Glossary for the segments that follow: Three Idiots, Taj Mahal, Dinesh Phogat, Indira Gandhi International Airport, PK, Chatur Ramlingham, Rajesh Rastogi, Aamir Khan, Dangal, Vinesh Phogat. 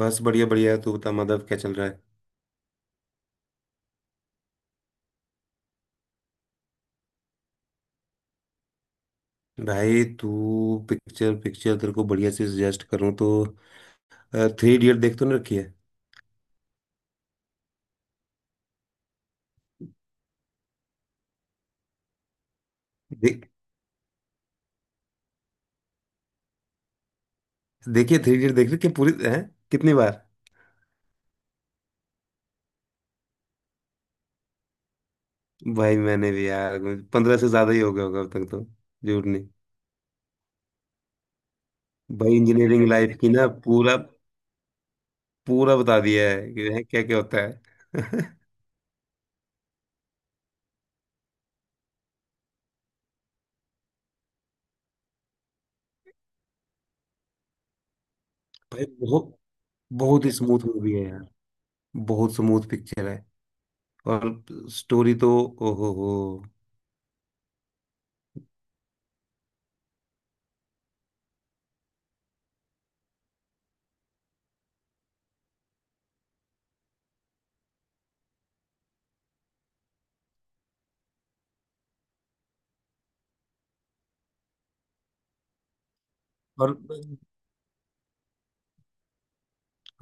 बस बढ़िया बढ़िया, तू बता माधव, क्या चल रहा है? भाई तू, पिक्चर पिक्चर तेरे को बढ़िया से सजेस्ट करूँ तो? थ्री इडियट देख तो नहीं रखी है? देख देखिए, थ्री इडियट देख रखी है, पूरी है। कितनी बार? भाई मैंने भी यार, 15 से ज्यादा ही हो गया होगा अब तक तो, झूठ नहीं। भाई इंजीनियरिंग लाइफ की ना, पूरा पूरा बता दिया है कि क्या क्या होता है। भाई बहुत, बहुत ही स्मूथ मूवी है यार। बहुत स्मूथ पिक्चर है। और स्टोरी तो, ओहो हो। और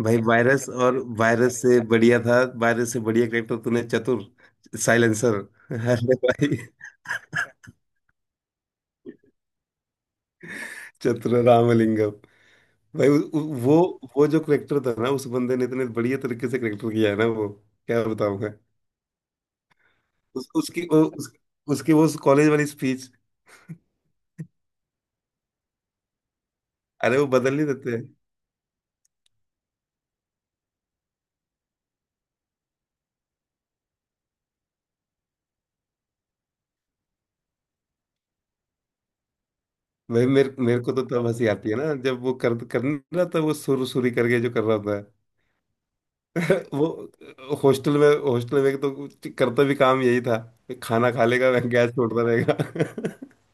भाई वायरस, और वायरस से बढ़िया था, वायरस से बढ़िया करेक्टर तूने, चतुर साइलेंसर। अरे भाई, चतुर रामलिंगम। भाई वो जो करेक्टर था ना, उस बंदे ने इतने बढ़िया तरीके से करेक्टर किया है ना वो, क्या बताऊं मैं। उस, उसकी वो उस, उसकी वो कॉलेज वाली स्पीच। अरे वो बदल नहीं देते हैं। भाई मेरे मेरे को तो तब हंसी आती है ना, जब वो कर कर नहीं रहा था, वो सुर सुरी करके जो कर रहा था। वो हॉस्टल में तो कुछ करता भी काम यही था कि खाना खा लेगा, वह गैस छोड़ता रहेगा।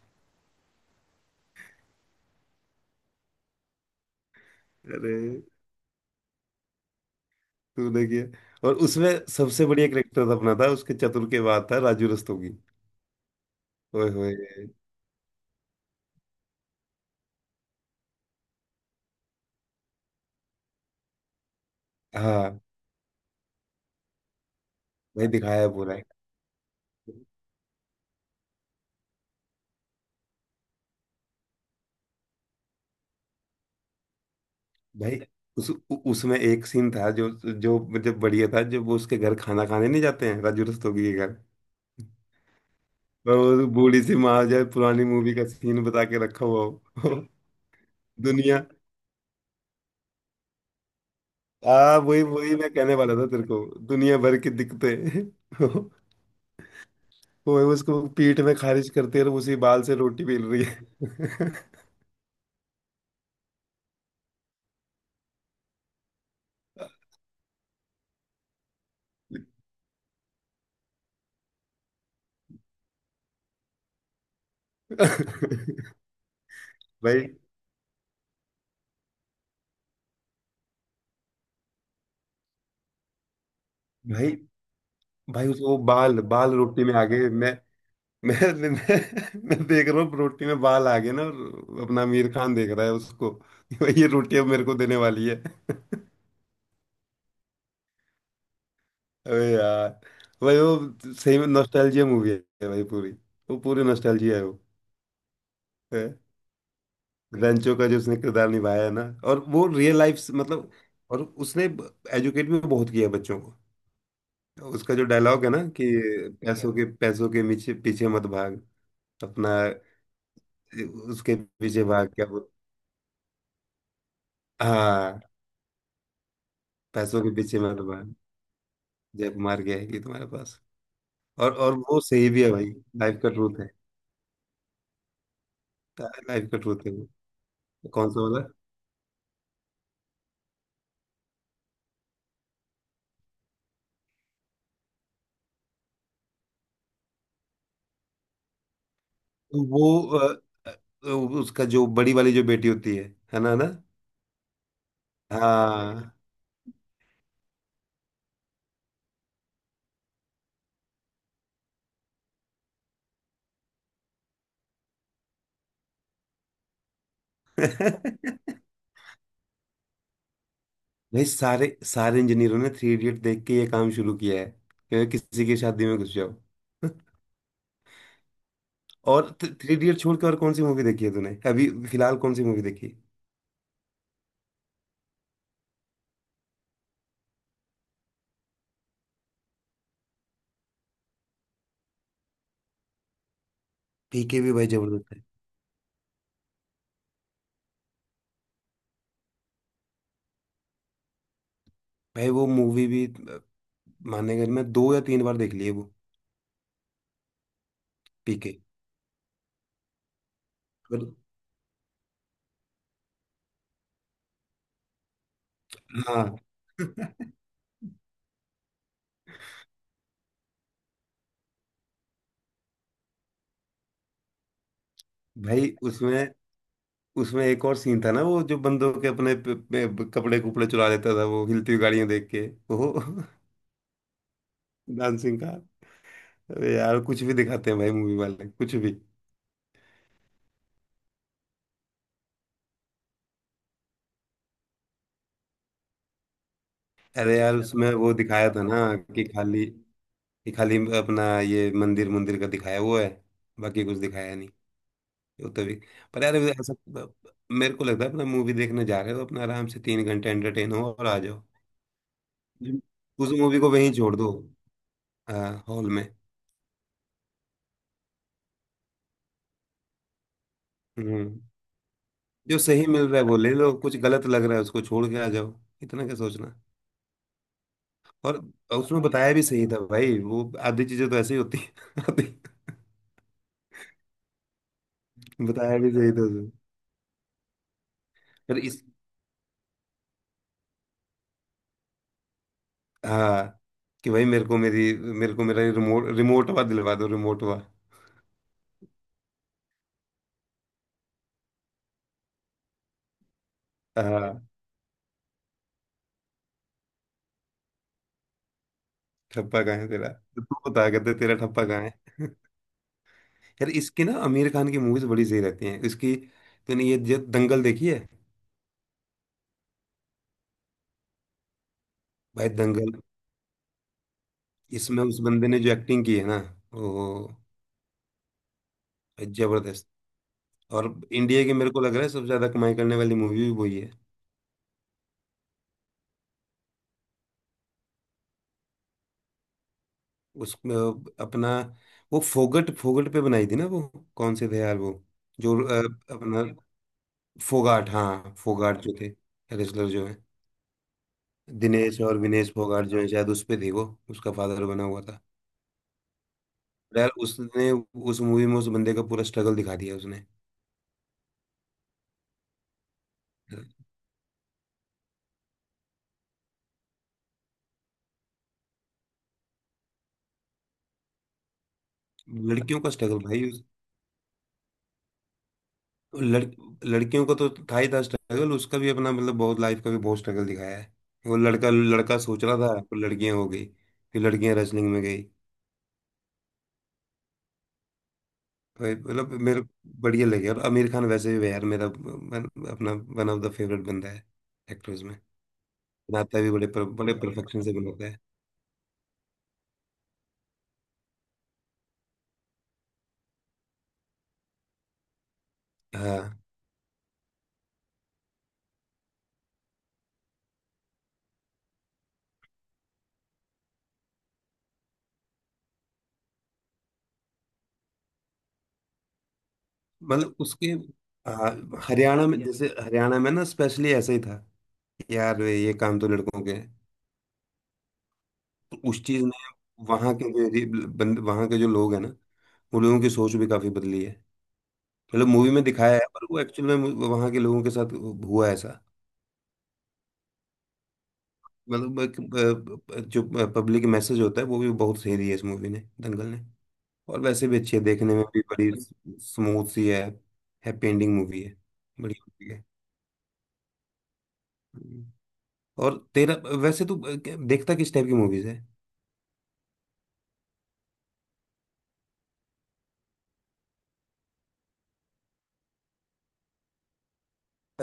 अरे तू देखिए। और उसमें सबसे बढ़िया करेक्टर अपना था, उसके चतुर के बाद था राजू रस्तोगी। ओए होए। हाँ। भाई दिखाया है पूरा। भाई उसमें एक सीन था जो, जो मतलब बढ़िया था, जब वो उसके घर खाना खाने नहीं जाते हैं, राजू रस्तोगी के घर। और वो बूढ़ी सी माँ जो है, पुरानी मूवी का सीन बता के रखा हुआ हो। दुनिया, आ वही वही मैं कहने वाला था तेरे को, दुनिया भर की दिक्कतें। वो उसको पीठ में खारिज करते हैं और उसी बाल से रोटी बेल रही है। भाई, भाई, भाई उसको वो बाल बाल रोटी में आ गए। मैं मैं, मैं देख रहा हूँ रोटी में बाल आ गए ना, और अपना आमिर खान देख रहा है उसको। भाई ये रोटी अब मेरे को देने वाली है। अबे यार। भाई वो सही में नॉस्टैल्जिया मूवी है भाई पूरी, वो पूरी नॉस्टैल्जिया है वो। ग्रंचो का जो उसने किरदार निभाया है ना, और वो रियल लाइफ से, मतलब। और उसने एजुकेट भी बहुत किया बच्चों को। उसका जो डायलॉग है ना कि पैसों के पीछे पीछे मत भाग अपना। उसके पीछे भाग, क्या बोल? हाँ, पैसों के पीछे मत भाग, जय कुमार की आएगी तुम्हारे पास। और वो सही भी है भाई, लाइफ का ट्रूथ है। लाइफ का ट्रूथ है वो। कौन सा वाला? वो अ, उसका जो बड़ी वाली जो बेटी होती है। है ना, है ना? हाँ। भाई सारे सारे इंजीनियरों ने थ्री इडियट देख के ये काम शुरू किया है, कि किसी की शादी में घुस जाओ। और थ्री इडियट छोड़ के और कौन सी मूवी देखी है तूने? अभी फिलहाल कौन सी मूवी देखी? पीके भी भाई जबरदस्त है। भाई वो मूवी भी मानेगा नहीं, मैं 2 या 3 बार देख ली है वो। पीके। पर हाँ। भाई उसमें उसमें एक और सीन था ना, वो जो बंदों के अपने कपड़े कुपड़े चुरा लेता था वो, हिलती हुई गाड़ियां देख के। वो डांसिंग का। अरे यार कुछ भी दिखाते हैं भाई, मूवी वाले कुछ भी। अरे यार उसमें वो दिखाया था ना, कि खाली कि खाली अपना ये मंदिर मंदिर का दिखाया वो है, बाकी कुछ दिखाया नहीं वो तो भी। पर यार ऐसा मेरे को लगता है, अपना मूवी देखने जा रहे हो तो अपना आराम से 3 घंटे एंटरटेन हो और आ जाओ। उस मूवी को वहीं छोड़ दो, हॉल में। हम्म। जो सही मिल रहा है वो ले लो, कुछ गलत लग रहा है उसको छोड़ के आ जाओ। इतना क्या सोचना। और उसमें बताया भी सही था भाई, वो आधी चीजें तो ऐसी होती है आधी। बताया भी सही था उसमें। पर इस, हाँ, कि भाई मेरे को, मेरी मेरे को मेरा रिमोट रिमोट हुआ दिलवा दो, रिमोट हुआ। हाँ। ठप्पा कहाँ है तेरा, तो तू बता, कहते तेरा ठप्पा कहाँ है। यार इसकी ना आमिर खान की मूवीज बड़ी सही रहती हैं इसकी। तूने ये जो दंगल देखी है? भाई दंगल, इसमें उस बंदे ने जो एक्टिंग की है ना वो, भाई जबरदस्त। और इंडिया की मेरे को लग रहा है सबसे ज्यादा कमाई करने वाली मूवी भी वही है। उसमें अपना वो फोगट फोगट पे बनाई थी ना वो। कौन से थे यार वो, जो अपना फोगाट, हाँ फोगाट जो थे, रेसलर जो है। दिनेश और विनेश फोगाट जो है, शायद उस पे थे वो। उसका फादर बना हुआ था। पर यार उसने उस मूवी में उस बंदे का पूरा स्ट्रगल दिखा दिया उसने। लड़कियों का स्ट्रगल भाई लड़ लड़कियों का तो था ही था स्ट्रगल, उसका भी अपना मतलब बहुत, लाइफ का भी बहुत स्ट्रगल दिखाया है। वो लड़का लड़का सोच रहा था, पर लड़कियां हो गई। फिर लड़कियां रेसलिंग में गई। भाई मतलब मेरे को बढ़िया लगे। और आमिर खान वैसे भी यार मेरा अपना वन ऑफ द फेवरेट बंदा है, एक्टर्स में। नाता भी बड़े, पर बड़े परफेक्शन से बनाता है। हाँ। मतलब उसके, हाँ, हरियाणा में, जैसे हरियाणा में ना स्पेशली ऐसा ही था, यार वे ये काम तो लड़कों के हैं। तो उस चीज ने वहाँ के जो बंद वहाँ के जो लोग हैं ना, उन लोगों की सोच भी काफी बदली है। मतलब मूवी में दिखाया है, पर वो एक्चुअल में वहाँ के लोगों के साथ हुआ है ऐसा। मतलब एक, जो पब्लिक मैसेज होता है वो भी बहुत सही दिया है इस मूवी ने, दंगल ने। और वैसे भी अच्छी है, देखने में भी बड़ी स्मूथ सी है। हैप्पी एंडिंग मूवी है बड़ी। हम्म। और तेरा, वैसे तू देखता किस टाइप की मूवीज है?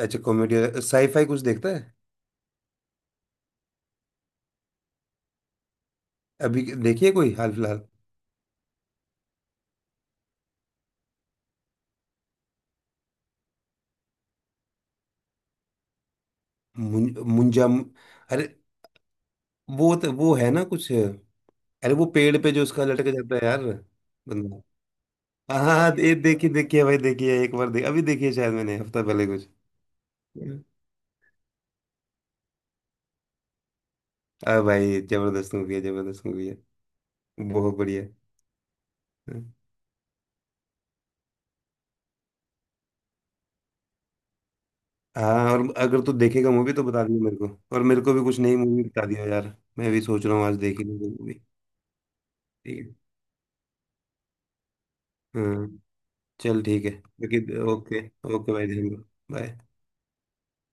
अच्छा, कॉमेडी साईफाई कुछ देखता है? अभी देखिए कोई हाल फिलहाल। मुंजा अरे, वो वो है ना कुछ, अरे वो पेड़ पे जो उसका लटक जाता है यार, बंदा। हाँ हाँ हाँ, ये देखिए, देखिए भाई, देखिए एक बार देख, अभी देखिए शायद मैंने हफ्ता पहले कुछ। आ भाई जबरदस्त मूवी है, जबरदस्त मूवी है, बहुत बढ़िया। हाँ, और अगर तू देखेगा मूवी तो बता दियो मेरे को। और मेरे को भी कुछ नई मूवी बता दियो यार, मैं भी सोच रहा हूँ आज देख ही लूँ मूवी। हाँ, चल ठीक है। बाकी ओके। ओके भाई, ध्यान रखो। बाय।